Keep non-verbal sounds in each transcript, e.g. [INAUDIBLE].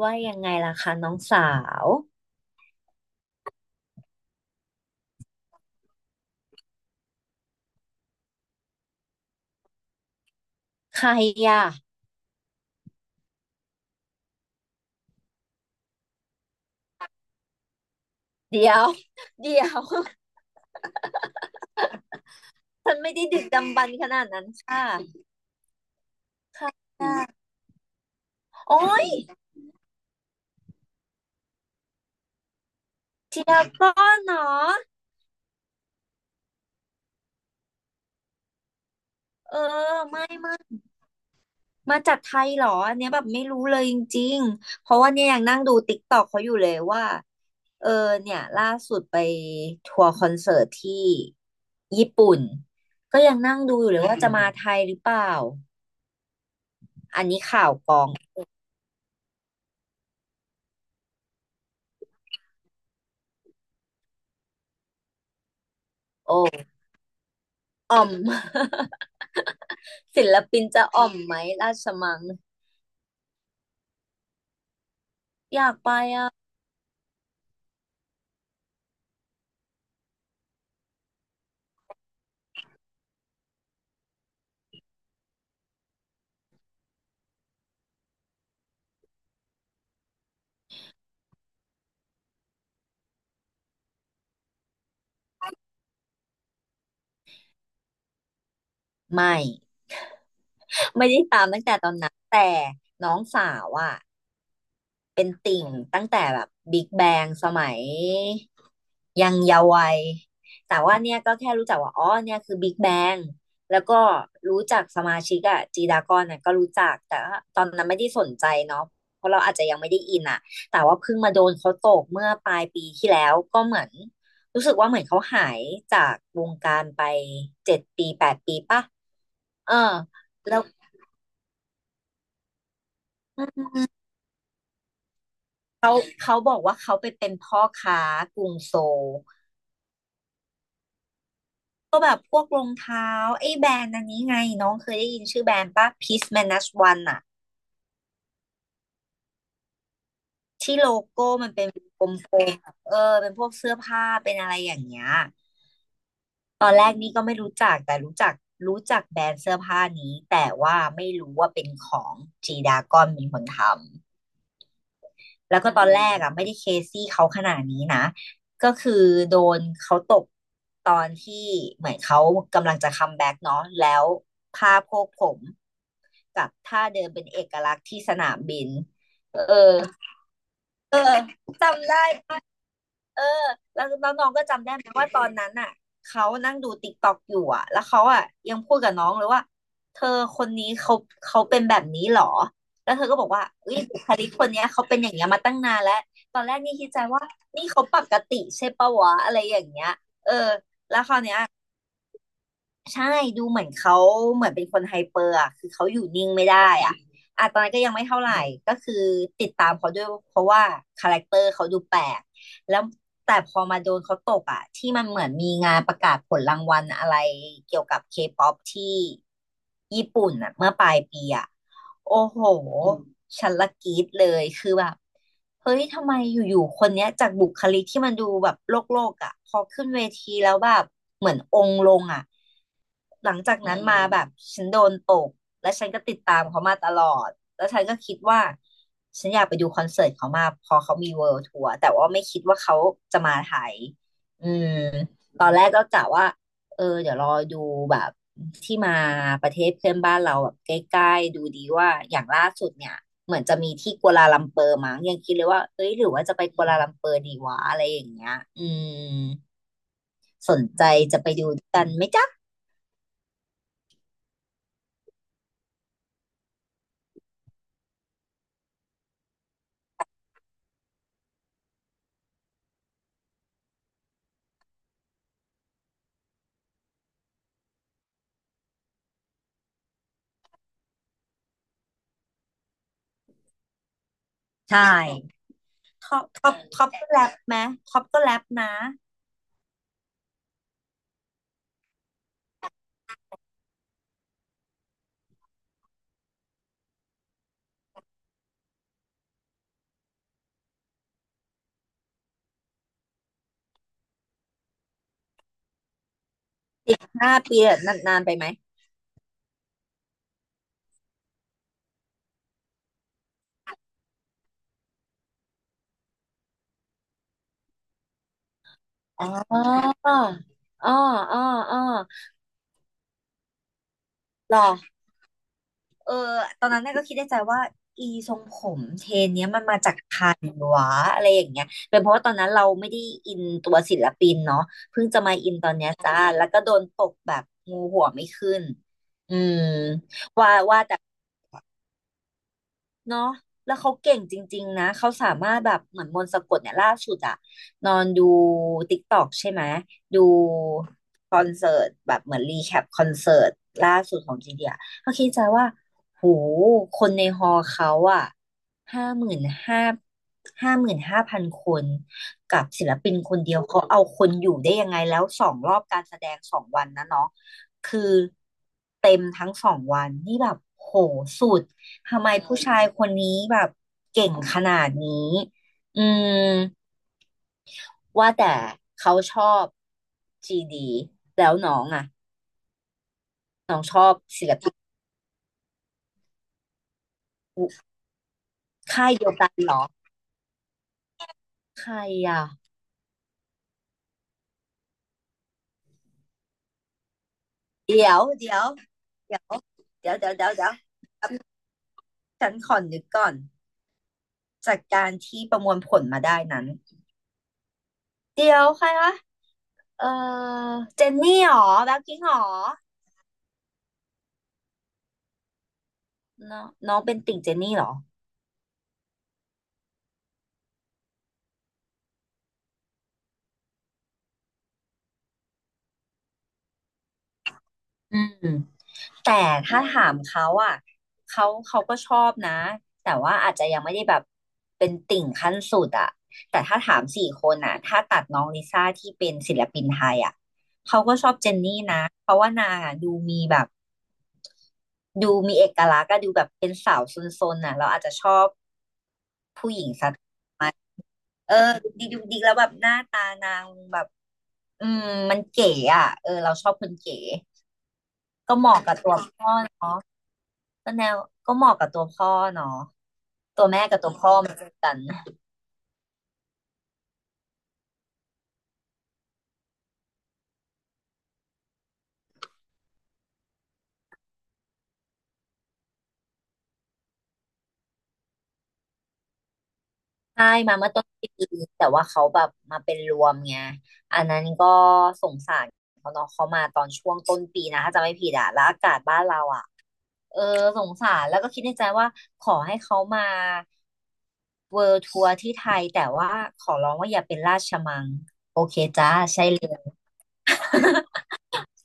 ว่ายังไงล่ะคะน้องสาวใครอ่ะเดี๋ยว [LAUGHS] เดี๋ยว [LAUGHS] ฉันไม่ได้ดึกดำบรรพ์ขนาดนั้นค่ะใครอ่ะโอ้ยเจียก้อนเนาะเออไม่ไม่มาจากไทยเหรออันเนี้ยแบบไม่รู้เลยจริงๆเพราะว่าเนี่ยยังนั่งดูติ๊กตอกเขาอยู่เลยว่าเออเนี่ยล่าสุดไปทัวร์คอนเสิร์ตที่ญี่ปุ่นก็ยังนั่งดูอยู่เลยว่าจะมาไทยหรือเปล่าอันนี้ข่าวกองโอ้อ่อม ศิลปินจะอ่อมไหมราชมังอยากไปอ่ะไม่ไม่ได้ตามตั้งแต่ตอนนั้นแต่น้องสาวอ่ะ เป็นติ่งตั้งแต่แบบบิ๊กแบงสมัยยังเยาว์วัยแต่ว่าเนี่ยก็แค่รู้จักว่าอ๋อเนี่ยคือบิ๊กแบงแล้วก็รู้จักสมาชิกอะจีดากอนเนี่ยก็รู้จักแต่ว่าตอนนั้นไม่ได้สนใจเนาะเพราะเราอาจจะยังไม่ได้อินอะแต่ว่าเพิ่งมาโดนเขาตกเมื่อปลายปีที่แล้วก็เหมือนรู้สึกว่าเหมือนเขาหายจากวงการไป7 ปี8 ปีป่ะเออแล้วเขาเขาบอกว่าเขาไปเป็นพ่อค้ากรุงโซล ก็แบบพวกรองเท้าไอ้แบรนด์อันนี้ไงน้องเคยได้ยินชื่อแบรนด์ป่ะ Peace Manage One อะที่โลโก้มันเป็นกลมๆแบบเออเป็นพวกเสื้อผ้าเป็นอะไรอย่างเงี้ยตอนแรกนี่ก็ไม่รู้จักแต่รู้จักแบรนด์เสื้อผ้านี้แต่ว่าไม่รู้ว่าเป็นของจีดากอนเป็นคนทำแล้วก็ตอนแรกอะไม่ได้เคซี่เขาขนาดนี้นะก็คือโดนเขาตกตอนที่เหมือนเขากำลังจะคัมแบ็กเนาะแล้วผ้าโพวกผม กับท่าเดินเป็นเอกลักษณ์ที่สนามบินเออเออจำได้เออแล้วน้องๆก็จำได้ไหมว่าตอนนั้นอ่ะเขานั่งดูติ๊กต็อกอยู่อ่ะแล้วเขาอ่ะยังพูดกับน้องเลยว่าเธอคนนี้เขาเป็นแบบนี้เหรอแล้วเธอก็บอกว่าอุ้ยบุคลิกคนเนี้ยเขาเป็นอย่างเงี้ยมาตั้งนานแล้วตอนแรกนี่คิดใจว่านี่เขาปกติใช่ปะวะอะไรอย่างเงี้ยเออ ใช่ดูเหมือนเขาเหมือนเป็นคนไฮเปอร์อ่ะคือเขาอยู่นิ่งไม่ได้อ่ะอ่ะตอนนั้นก็ยังไม่เท่าไหร่ก็คือติดตามเขาด้วยเพราะว่าคาแรคเตอร์เขาดูแปลกแล้วแต่พอมาโดนเขาตกอ่ะที่มันเหมือนมีงานประกาศผลรางวัลอะไรเกี่ยวกับเคป๊อปที่ญี่ปุ่นอ่ะเมื่อปลายปีอ่ะ โอ้โห ฉันละกรี๊ดเลย คือแบบเฮ้ย ทำไมอยู่ๆคนเนี้ยจากบุคลิกที่มันดูแบบโลกโลกอ่ะพอขึ้นเวทีแล้วแบบเหมือนองค์ลงอ่ะหลังจากอืนั้นมมาแบบฉันโดนตกและฉันก็ติดตามเขามาตลอดแล้วฉันก็คิดว่าฉันอยากไปดูคอนเสิร์ตเขามากพอเขามีเวิลด์ทัวร์แต่ว่าไม่คิดว่าเขาจะมาไทยอืมตอนแรกก็กะว่า เออเดี๋ยวรอดูแบบ ที่มาประเทศเพื่อนบ้านเราแบบใกล้ๆดูดีว่าอย่างล่าสุดเนี่ยเหมือนจะมีที่กัวลาลัมเปอร์มั้งยังคิดเลยว่าเอ้ยหรือว่าจะไปกัวลาลัมเปอร์ดีวะอะไรอย่างเงี้ยอืมสนใจจะไปดูกันไหมจ๊ะใช่ท็อปก็แรปไหมท็อปก็แรปนะ5 ปีอะนานๆไปไหมอ๋ออ๋ออ๋ออ๋อหรอ เออตอนนั้นน่ะก็คิดในใจว่าอีทรงผมเทรนเนี้ยมันมาจากใครวะอะไรอย่างเงี้ยเป็นเพราะว่าตอนนั้นเราไม่ได้อินตัวศิลปินเนาะเพิ่งจะมาอินตอนเนี้ยจ้าแล้วก็โดนตกแบบงูหัวไม่ขึ้นอืมว่าแต่ เนาะแล้วเขาเก่งจริงๆนะ เขาสามารถแบบเหมือนมนต์สะกดเนี่ยล่าสุดอะนอนดูติ๊กตอกใช่ไหม ดูคอนเสิร์ตแบบเหมือนรีแคปคอนเสิร์ตล่าสุดของจีเดียเขาคิดใจว่า โหคนในฮอลล์เขาอะห้าหมื่นห้า55,000คนกับศิลปินคนเดียวเขาเอาคนอยู่ได้ยังไงแล้วสองรอบการแสดงสองวันนะเนาะคือเต็มทั้งสองวันนี่แบบโหสุด ทำไมผู้ชายคนนี้แบบเก่งขนาดนี้อืมว่าแต่เขาชอบจีดีแล้วน้องอ่ะน้องชอบศิลปินค่ายเดียวกันเหรอใครอ่ะเดี๋ยวเดี๋ยวเดี๋ยวเดี๋ยวเดี๋ยวเดี๋ยวเดี๋ยวฉันขอนึกก่อนจากการที่ประมวลผลมาได้นั้นเดี๋ยวใครวะเออเจนนี่เหรอแบล็คพิงค์เหรอน้องน้องเป็นติ่งเจนนี่เหรออืม แต่ถ้าถามเขาอ่ะเขาก็ชอบนะแต่ว่าอาจจะยังไม่ได้แบบเป็นติ่งขั้นสุดอ่ะแต่ถ้าถามสี่คนอ่ะถ้าตัดน้องลิซ่าที่เป็นศิลปินไทยอ่ะเขาก็ชอบเจนนี่นะเพราะว่านางอ่ะดูมีแบบดูมีเอกลักษณ์ก็ดูแบบเป็นสาวซนๆน่ะเราอาจจะชอบผู้หญิงสักเออดูดีดูดีแล้วแบบหน้าตานางแบบอืมมันเก๋อ่ะเออเราชอบคนเก๋ก็เหมาะกับตัวพ่อเนาะ ก็แนวก็เหมาะกับตัวพ่อเนาะตัวแม่กับตัวพ่อมาเจอกันใช่มาเมื่อต้นปีแต่ว่าเขาแบบมาเป็นรวมไงอันนั้นก็สงสารเขาเนาะเขามาตอนช่วงต้นปีนะถ้าจำไม่ผิดอะแล้วอากาศบ้านเราอะเออสงสารแล้วก็คิดในใจว่าขอให้เขามาเวิลด์ทัวร์ที่ไทยแต่ว่าขอร้องว่าอย่าเป็นราชมัง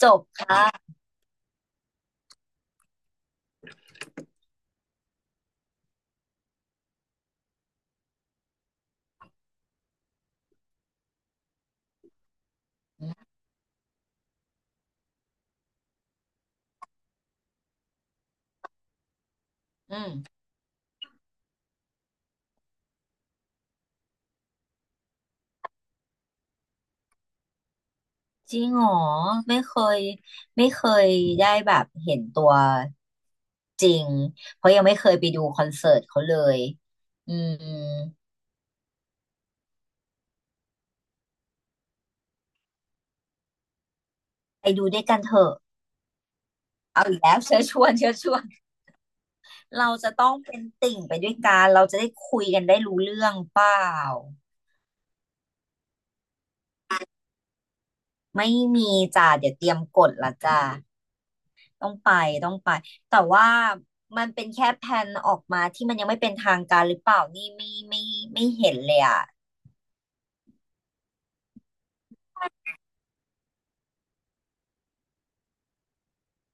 จบค่ะอืม จริงเหรอไม่เคยไม่เคยได้แบบเห็นตัวจริงเพราะยังไม่เคยไปดูคอนเสิร์ตเขาเลยอืมไปดูด้วยกันเถอะเอาอีกแล้ว [LAUGHS] เชิญชวนเชิญชวนเราจะต้องเป็นติ่งไปด้วยกันเราจะได้คุยกันได้รู้เรื่องเปล่าไม่มีจ้าเดี๋ยวเตรียมกดละจ้าต้องไปต้องไปแต่ว่ามันเป็นแค่แผนออกมาที่มันยังไม่เป็นทางการหรือเปล่านี่ไม่ไม่เห็นเลยอ่ะ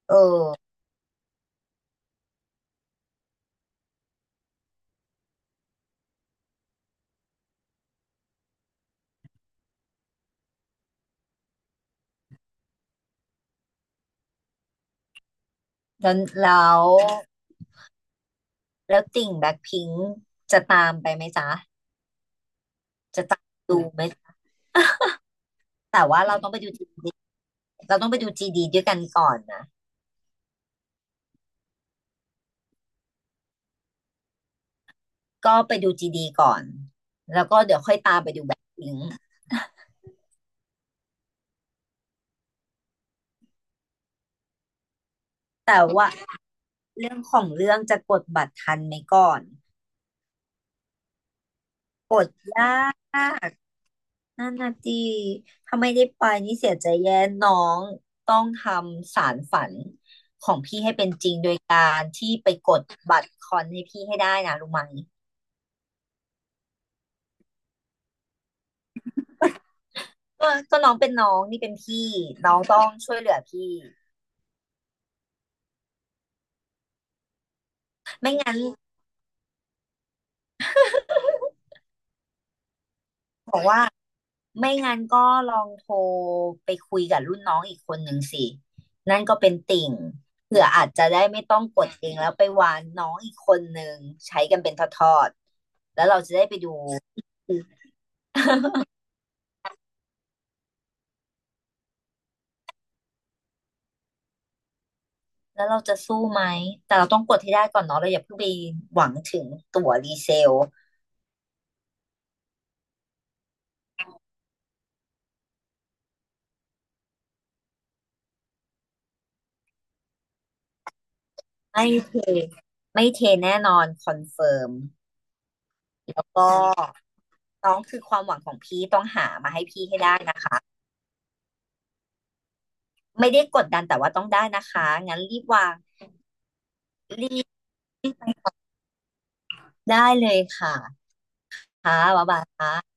เออ แล้วแล้วแล้วติ่งแบ็คพิงค์จะตามไปไหมจ๊ะจะตามดูไหมจ๊ะแต่ว่าเราต้องไปดูจีดีเราต้องไปดูจีดีด้วยกันก่อนนะก็ไปดูจีดีก่อนแล้วก็เดี๋ยวค่อยตามไปดูแบ็คพิงค์แต่ว่าเรื่องของเรื่องจะกดบัตรทันไหมก่อนกดยากนั่นนะจีถ้าไม่ได้ไปนี่เสียใจแย่น้องต้องทำสารฝันพี่ให้เป็นจริงโดยการที่ไปกดบัตรคอนให้พี่ให้ได้นะรู้ไหม ก็น้องเป็นน้องนี่เป็นพี่น้องต้องช่วยเหลือพี่ไม่งั้นบอกว่าไม่งั้นก็ลองโทรไปคุยกับรุ่นน้องอีกคนหนึ่งสิ นั่นก็เป็นติ่งเผื่ออาจจะได้ไม่ต้องกดเองแล้วไปวานน้องอีกคนหนึ่งใช้กันเป็นทอดๆแล้วเราจะได้ไปดูแล้วเราจะสู้ไหมแต่เราต้องกดให้ได้ก่อนเนาะเราอย่าเพิ่งไปหวังถึงตั๋วรีเซลไม่เทไม่เทแน่นอนคอนเฟิร์มก็ น้องคือความหวังของพี่ต้องหามาให้พี่ให้ได้นะคะไม่ได้กดดันแต่ว่าต้องได้นะคะงั้นรีบวางรีบได้เลยค่ะค่ะบ๊ายบายค่ะ